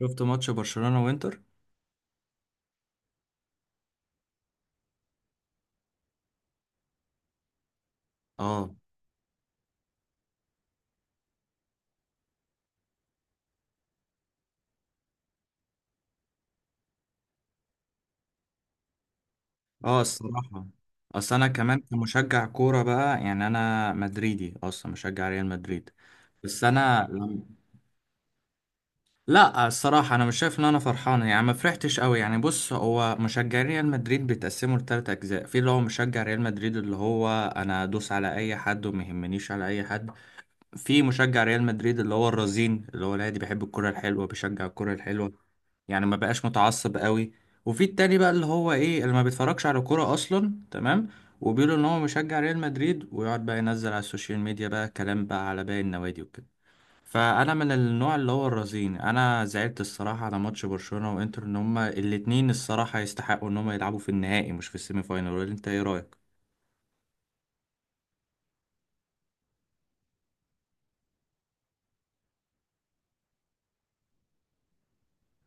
شفت ماتش برشلونة وانتر؟ اه، اه، الصراحة، اصل انا كمان كمشجع كورة بقى، يعني انا مدريدي اصلا مشجع ريال مدريد. بس انا لم... لا، الصراحة انا مش شايف ان انا فرحان، يعني ما فرحتش قوي. يعني بص، هو مشجعين ريال مدريد بيتقسموا لثلاث اجزاء. في اللي هو مشجع ريال مدريد اللي هو، انا ادوس على اي حد وما يهمنيش على اي حد. في مشجع ريال مدريد اللي هو الرزين، اللي هو العادي، بيحب الكرة الحلوة، بيشجع الكرة الحلوة، يعني ما بقاش متعصب قوي. وفي التاني بقى اللي هو ايه، اللي ما بيتفرجش على كورة اصلا، تمام. وبيقولوا ان هو مشجع ريال مدريد ويقعد بقى ينزل على السوشيال ميديا بقى كلام بقى على باقي النوادي وكده. فانا من النوع اللي هو الرزين. انا زعلت الصراحة على ماتش برشلونة وانتر ان هما الاتنين الصراحة يستحقوا ان هما يلعبوا في النهائي مش في السيمي فاينال. ولا انت ايه رأيك؟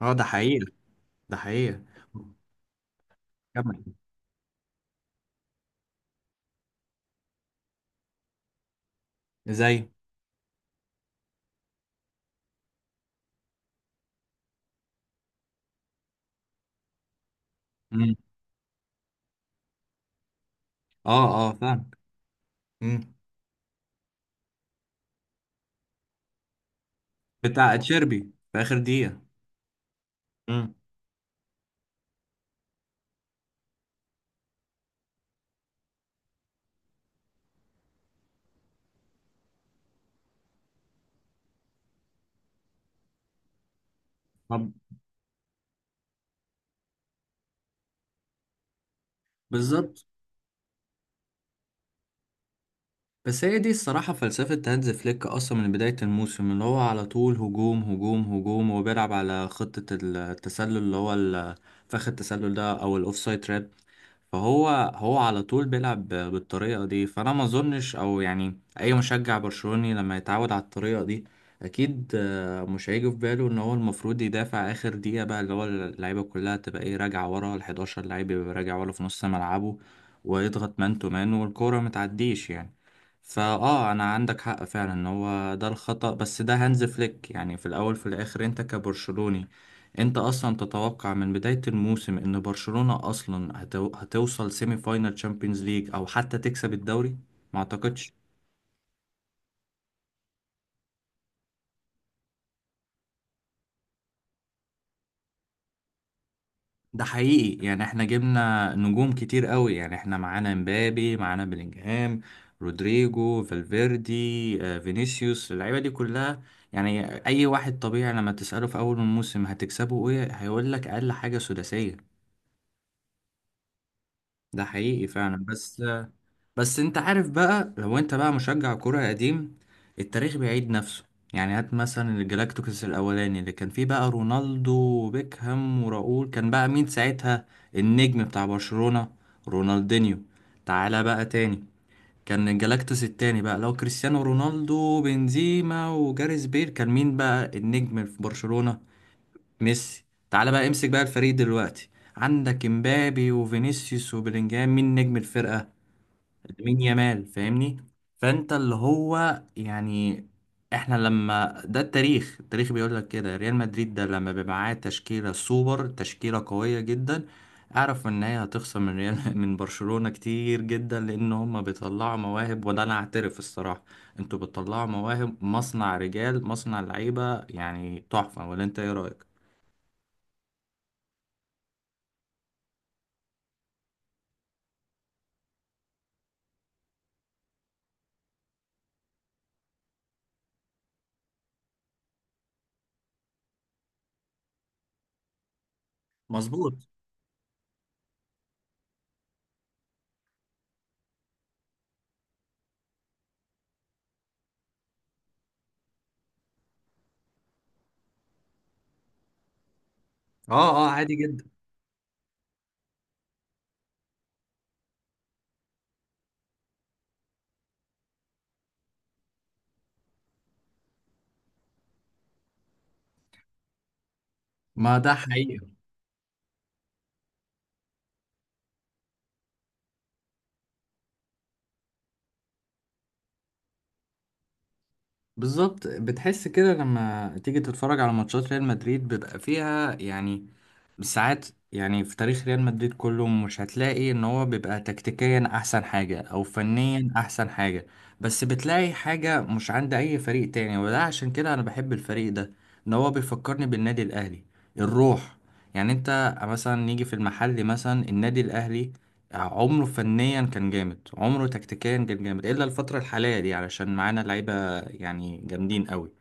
اه ده حقيقة. ده حقيقة. كمل. زي. مم. اه، اه فاهم. مم. بتاع تشيربي في اخر دقيقة. مم. طب. بالظبط. بس هي دي الصراحة فلسفة هانز فليك أصلا من بداية الموسم، اللي هو على طول هجوم هجوم هجوم وبيلعب على خطة التسلل، فخ التسلل ده أو الأوفسايد تراب. فهو على طول بيلعب بالطريقة دي، فأنا ما أظنش أو يعني أي مشجع برشلوني لما يتعود على الطريقة دي أكيد، مش هيجي في باله إن هو المفروض يدافع آخر دقيقة بقى، اللي هو اللعيبة كلها تبقى إيه راجعة ورا، ال 11 لعيب يبقى راجع ورا في نص ملعبه، ويضغط مان تو مان، والكورة متعديش يعني. أنا عندك حق فعلا إن هو ده الخطأ، بس ده هانز فليك، يعني في الأول في الآخر أنت كبرشلوني انت اصلا تتوقع من بداية الموسم ان برشلونة اصلا هتوصل سيمي فاينال تشامبيونز ليج او حتى تكسب الدوري؟ ما اعتقدش. ده حقيقي، يعني احنا جبنا نجوم كتير قوي، يعني احنا معانا مبابي، معانا بلينجهام، رودريجو، فالفيردي، فينيسيوس، اللعيبة دي كلها. يعني اي واحد طبيعي لما تسأله في اول الموسم هتكسبه ايه، هيقول لك اقل حاجة سداسية. ده حقيقي فعلا. بس بس انت عارف بقى، لو انت بقى مشجع كرة قديم، التاريخ بيعيد نفسه. يعني هات مثلا الجلاكتيكوس الاولاني اللي كان فيه بقى رونالدو وبيكهام وراؤول. كان بقى مين ساعتها النجم بتاع برشلونة؟ رونالدينيو. تعالى بقى تاني، كان الجلاكتيكوس التاني بقى لو كريستيانو رونالدو بنزيما وجاريث بيل، كان مين بقى النجم في برشلونة؟ ميسي. تعالى بقى امسك بقى الفريق دلوقتي، عندك امبابي وفينيسيوس وبيلينجهام، مين نجم الفرقة؟ مين؟ يامال. فاهمني؟ فانت اللي هو يعني، احنا لما، ده التاريخ، التاريخ بيقول لك كده. ريال مدريد ده لما بيبقى معاه تشكيله سوبر، تشكيله قويه جدا، اعرف ان هي هتخسر من ريال من برشلونه كتير جدا، لان هم بيطلعوا مواهب. وده انا اعترف الصراحه، انتوا بتطلعوا مواهب، مصنع رجال، مصنع لعيبه، يعني تحفه. ولا انت ايه رايك؟ مظبوط. اه، اه عادي جدا. ما ده حقيقي. بالظبط، بتحس كده لما تيجي تتفرج على ماتشات ريال مدريد، بيبقى فيها يعني ساعات، يعني في تاريخ ريال مدريد كله مش هتلاقي ان هو بيبقى تكتيكيا احسن حاجة او فنيا احسن حاجة، بس بتلاقي حاجة مش عند اي فريق تاني، وده عشان كده انا بحب الفريق ده، ان هو بيفكرني بالنادي الاهلي. الروح. يعني انت مثلا نيجي في المحل مثلا النادي الاهلي عمره فنيا كان جامد، عمره تكتيكيا كان جامد، الا الفترة الحالية دي علشان معانا لعيبة يعني جامدين قوي.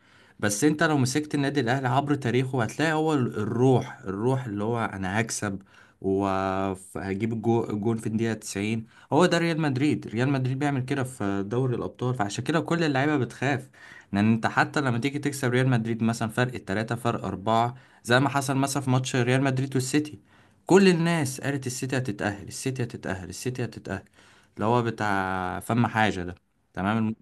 بس انت لو مسكت النادي الاهلي عبر تاريخه، هتلاقي هو الروح، الروح اللي هو انا هكسب وهجيب الجون في الدقيقة 90. هو ده ريال مدريد، ريال مدريد بيعمل كده في دوري الابطال، فعشان كده كل اللعيبة بتخاف. لان انت حتى لما تيجي تكسب ريال مدريد مثلا فرق التلاتة فرق اربعة، زي ما حصل مثلا في ماتش ريال مدريد والسيتي، كل الناس قالت السيتي هتتأهل، السيتي هتتأهل، السيتي هتتأهل، اللي هو بتاع فم حاجة ده. تمام.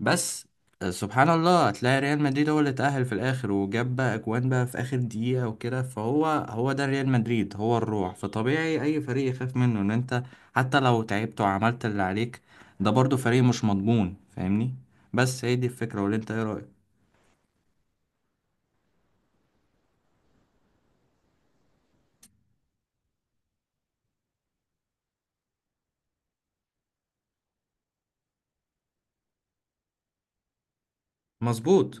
بس سبحان الله هتلاقي ريال مدريد هو اللي اتأهل في الآخر وجاب بقى أجوان بقى في آخر دقيقة وكده. فهو هو ده ريال مدريد، هو الروح، فطبيعي أي فريق يخاف منه. إن أنت حتى لو تعبت وعملت اللي عليك، ده برضو فريق مش مضمون، فاهمني؟ بس هي دي الفكرة، ولا أنت إيه رأيك؟ مظبوط.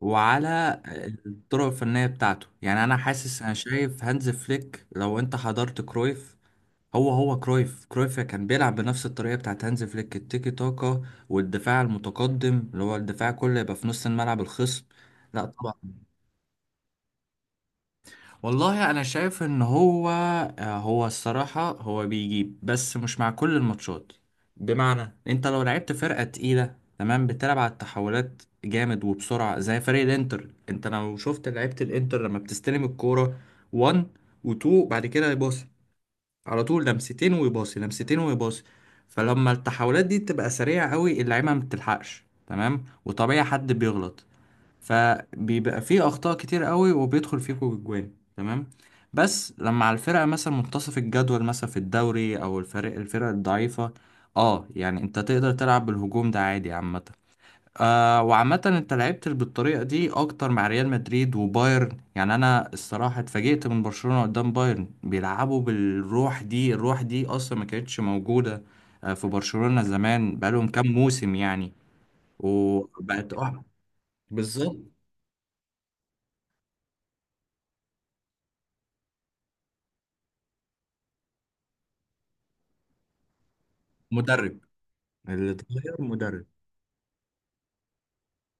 وعلى الطرق الفنية بتاعته يعني، أنا حاسس، أنا شايف هانز فليك لو أنت حضرت كرويف، هو كرويف كان بيلعب بنفس الطريقة بتاعت هانز فليك، التيكي تاكا والدفاع المتقدم، اللي هو الدفاع كله يبقى في نص الملعب الخصم. لا طبعا. والله انا شايف ان هو، هو الصراحة هو بيجيب بس مش مع كل الماتشات. بمعنى انت لو لعبت فرقة تقيلة تمام، بتلعب على التحولات جامد وبسرعة زي فريق الانتر. انت لو شفت لعيبة الانتر لما بتستلم الكورة 1 و2، بعد كده يبص على طول لمستين ويباصي، لمستين ويباصي. فلما التحولات دي بتبقى سريعة قوي، اللعيبة ما بتلحقش تمام، وطبيعي حد بيغلط، فبيبقى فيه أخطاء كتير قوي وبيدخل فيكوا الجوان. تمام. بس لما على الفرقة مثلا منتصف الجدول مثلا في الدوري أو الفرق الضعيفة، اه يعني انت تقدر تلعب بالهجوم ده عادي عامة. وعامة انت لعبت بالطريقة دي اكتر مع ريال مدريد وبايرن، يعني انا الصراحة اتفاجئت من برشلونة قدام بايرن بيلعبوا بالروح دي، الروح دي اصلا ما كانتش موجودة في برشلونة زمان بقالهم كام موسم يعني. وبقت اه. بالظبط. مدرب. اللي اتغير مدرب.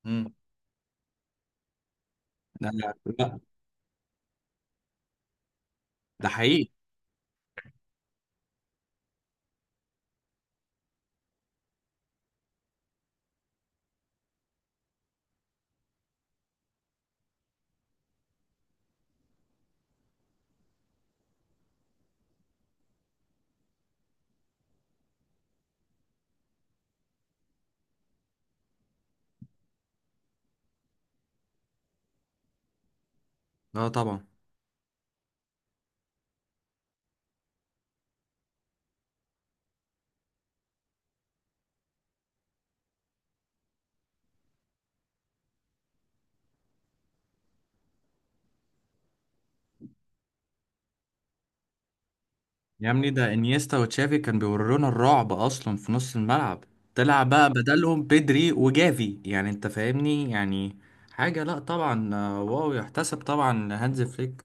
مم. لا، لا، لا، ده حقيقي. اه طبعا. يا ابني ده انيستا وتشافي كان بيورونا الرعب اصلا في نص الملعب. طلع بقى بدلهم بيدري وجافي، يعني انت فاهمني يعني، حاجة، لا طبعا، واو يحتسب طبعا هانز فليك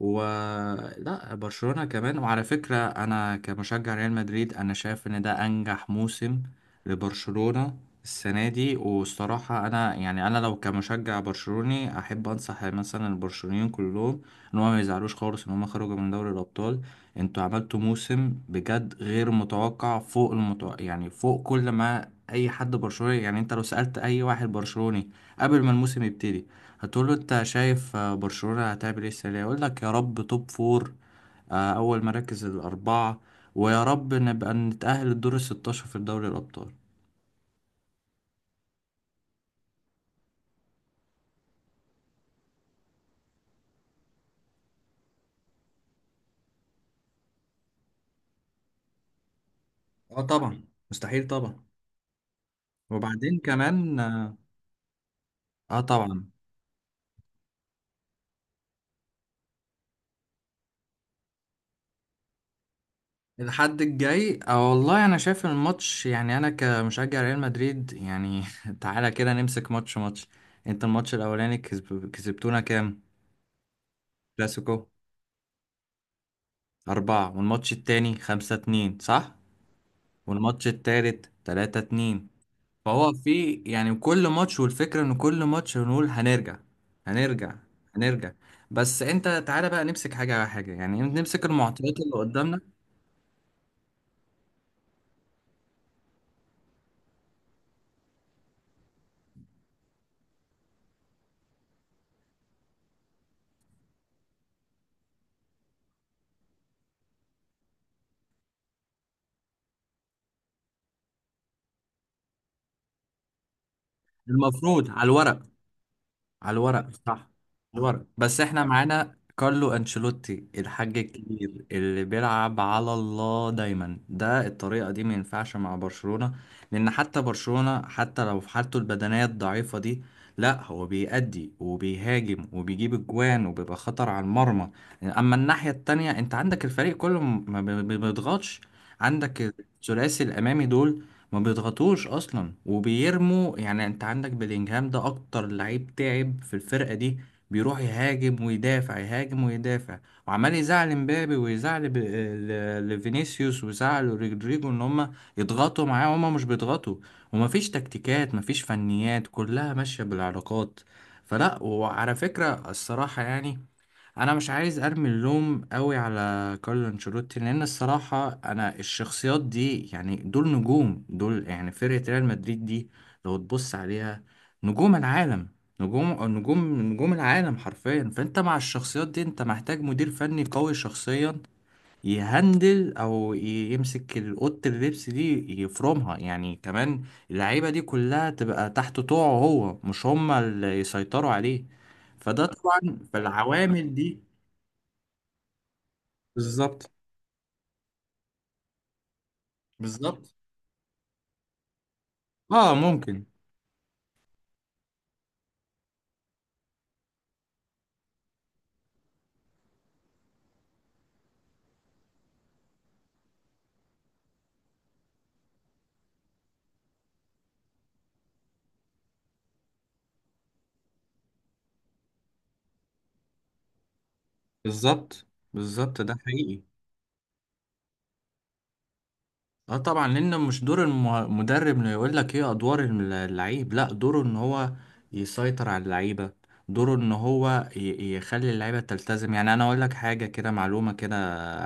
ولا برشلونة كمان. وعلى فكرة أنا كمشجع ريال مدريد أنا شايف إن ده أنجح موسم لبرشلونة السنة دي. والصراحة أنا يعني أنا لو كمشجع برشلوني أحب أنصح مثلا البرشلونيين كلهم إن هم ما يزعلوش خالص إن هم خرجوا من دوري الأبطال. أنتوا عملتوا موسم بجد غير متوقع، فوق المتوقع، يعني فوق كل ما أي حد برشلوني يعني أنت لو سألت أي واحد برشلوني قبل ما الموسم يبتدي، هتقول له انت شايف برشلونة هتعمل ايه السنة دي، يقول لك يا رب توب فور، اول مراكز الاربعة، ويا رب نبقى نتأهل الدور الستاشر في دوري الابطال. اه طبعا. مستحيل طبعا. وبعدين كمان اه، طبعا. الحد الجاي، اه والله انا شايف الماتش، يعني انا كمشجع ريال مدريد يعني تعالى كده نمسك ماتش ماتش. انت الماتش الاولاني كسبتونا كام؟ كلاسيكو. أربعة. والماتش التاني 5-2 صح؟ والماتش التالت 3-2. فهو في يعني كل ماتش، والفكرة ان كل ماتش بنقول هنرجع، هنرجع، هنرجع. بس انت تعالى بقى نمسك حاجة على حاجة، يعني نمسك المعطيات اللي قدامنا. المفروض على الورق، على الورق صح، على الورق، بس احنا معانا كارلو انشيلوتي الحاج الكبير اللي بيلعب على الله دايما، ده الطريقة دي ما ينفعش مع برشلونة. لان حتى برشلونة حتى لو في حالته البدنية الضعيفة دي، لا هو بيأدي وبيهاجم وبيجيب اجوان وبيبقى خطر على المرمى. اما الناحية التانية انت عندك الفريق كله ما بيضغطش. عندك الثلاثي الامامي دول ما بيضغطوش اصلا وبيرموا. يعني انت عندك بلينجهام ده اكتر لعيب تعب في الفرقه دي، بيروح يهاجم ويدافع، يهاجم ويدافع، وعمال يزعل مبابي ويزعل لفينيسيوس ويزعل رودريجو ان هم يضغطوا معاه، وهم مش بيضغطوا. ومفيش تكتيكات، مفيش فنيات، كلها ماشيه بالعلاقات. فلا، وعلى فكره الصراحه يعني، انا مش عايز ارمي اللوم قوي على كارلو انشيلوتي، لان الصراحه انا الشخصيات دي، يعني دول نجوم، دول يعني فرقه ريال مدريد دي لو تبص عليها نجوم العالم، نجوم نجوم العالم حرفيا. فانت مع الشخصيات دي انت محتاج مدير فني قوي شخصيا يهندل او يمسك اوضه اللبس دي يفرمها يعني كمان، اللعيبه دي كلها تبقى تحت طوعه، هو مش هما اللي يسيطروا عليه. فده طبعا فالعوامل دي. بالظبط. بالظبط. اه، ممكن. بالظبط. بالظبط، ده حقيقي. اه طبعا، لان مش دور المدرب انه يقول لك ايه ادوار اللعيب. لا دوره ان هو يسيطر على اللعيبه، دوره ان هو يخلي اللعيبه تلتزم. يعني انا اقول لك حاجه كده معلومه كده،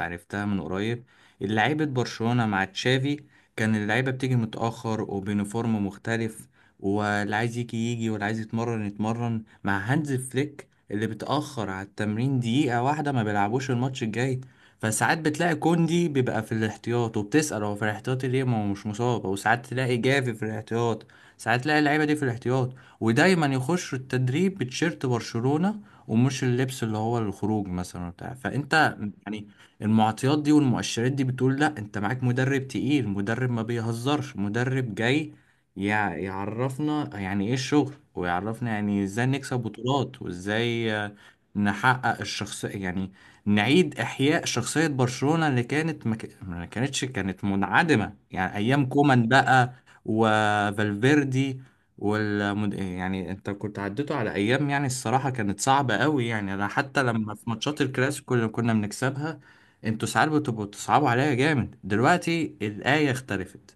عرفتها من قريب، لعيبه برشلونه مع تشافي كان اللعيبه بتيجي متاخر وبيونيفورم مختلف، واللي عايز يجي يجي، واللي عايز يتمرن يتمرن. مع هانز فليك اللي بتأخر على التمرين دقيقة واحدة ما بيلعبوش الماتش الجاي. فساعات بتلاقي كوندي بيبقى في الاحتياط، وبتسأل هو في الاحتياط ليه ما هو مش مصاب، وساعات تلاقي جافي في الاحتياط، ساعات تلاقي اللعيبة دي في الاحتياط. ودايما يخشوا التدريب بتشيرت برشلونة، ومش اللبس اللي هو الخروج مثلا بتاع فانت، يعني. المعطيات دي والمؤشرات دي بتقول لا انت معاك مدرب تقيل، مدرب ما بيهزرش، مدرب جاي يعرفنا يعني ايه الشغل، ويعرفنا يعني ازاي نكسب بطولات، وازاي نحقق الشخصية يعني، نعيد إحياء شخصية برشلونة اللي كانت ما كانتش، كانت منعدمة يعني أيام كومان بقى وفالفيردي يعني أنت كنت عديته على أيام يعني الصراحة كانت صعبة قوي. يعني أنا حتى لما في ماتشات الكلاسيكو اللي كنا بنكسبها أنتوا ساعات بتبقوا تصعبوا عليا جامد، دلوقتي الآية اختلفت.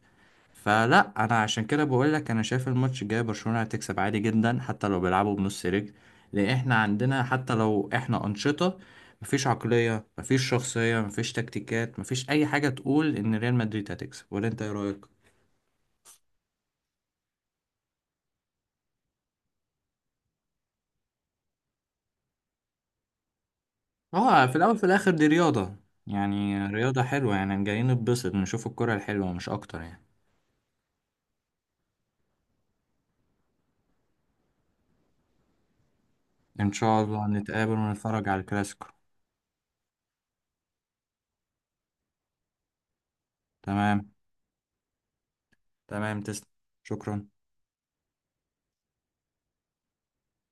فلا انا عشان كده بقول لك انا شايف الماتش الجاي برشلونة هتكسب عادي جدا، حتى لو بيلعبوا بنص رجل. لان احنا عندنا حتى لو احنا انشطة، مفيش عقلية، مفيش شخصية، مفيش تكتيكات، مفيش اي حاجة تقول ان ريال مدريد هتكسب. ولا انت ايه رأيك؟ اه في الاول في الاخر دي رياضة، يعني رياضة حلوة، يعني جايين نتبسط نشوف الكرة الحلوة مش اكتر يعني. ان شاء الله نتقابل ونتفرج على الكلاسيكو. تمام. تمام. تسلم. شكرا.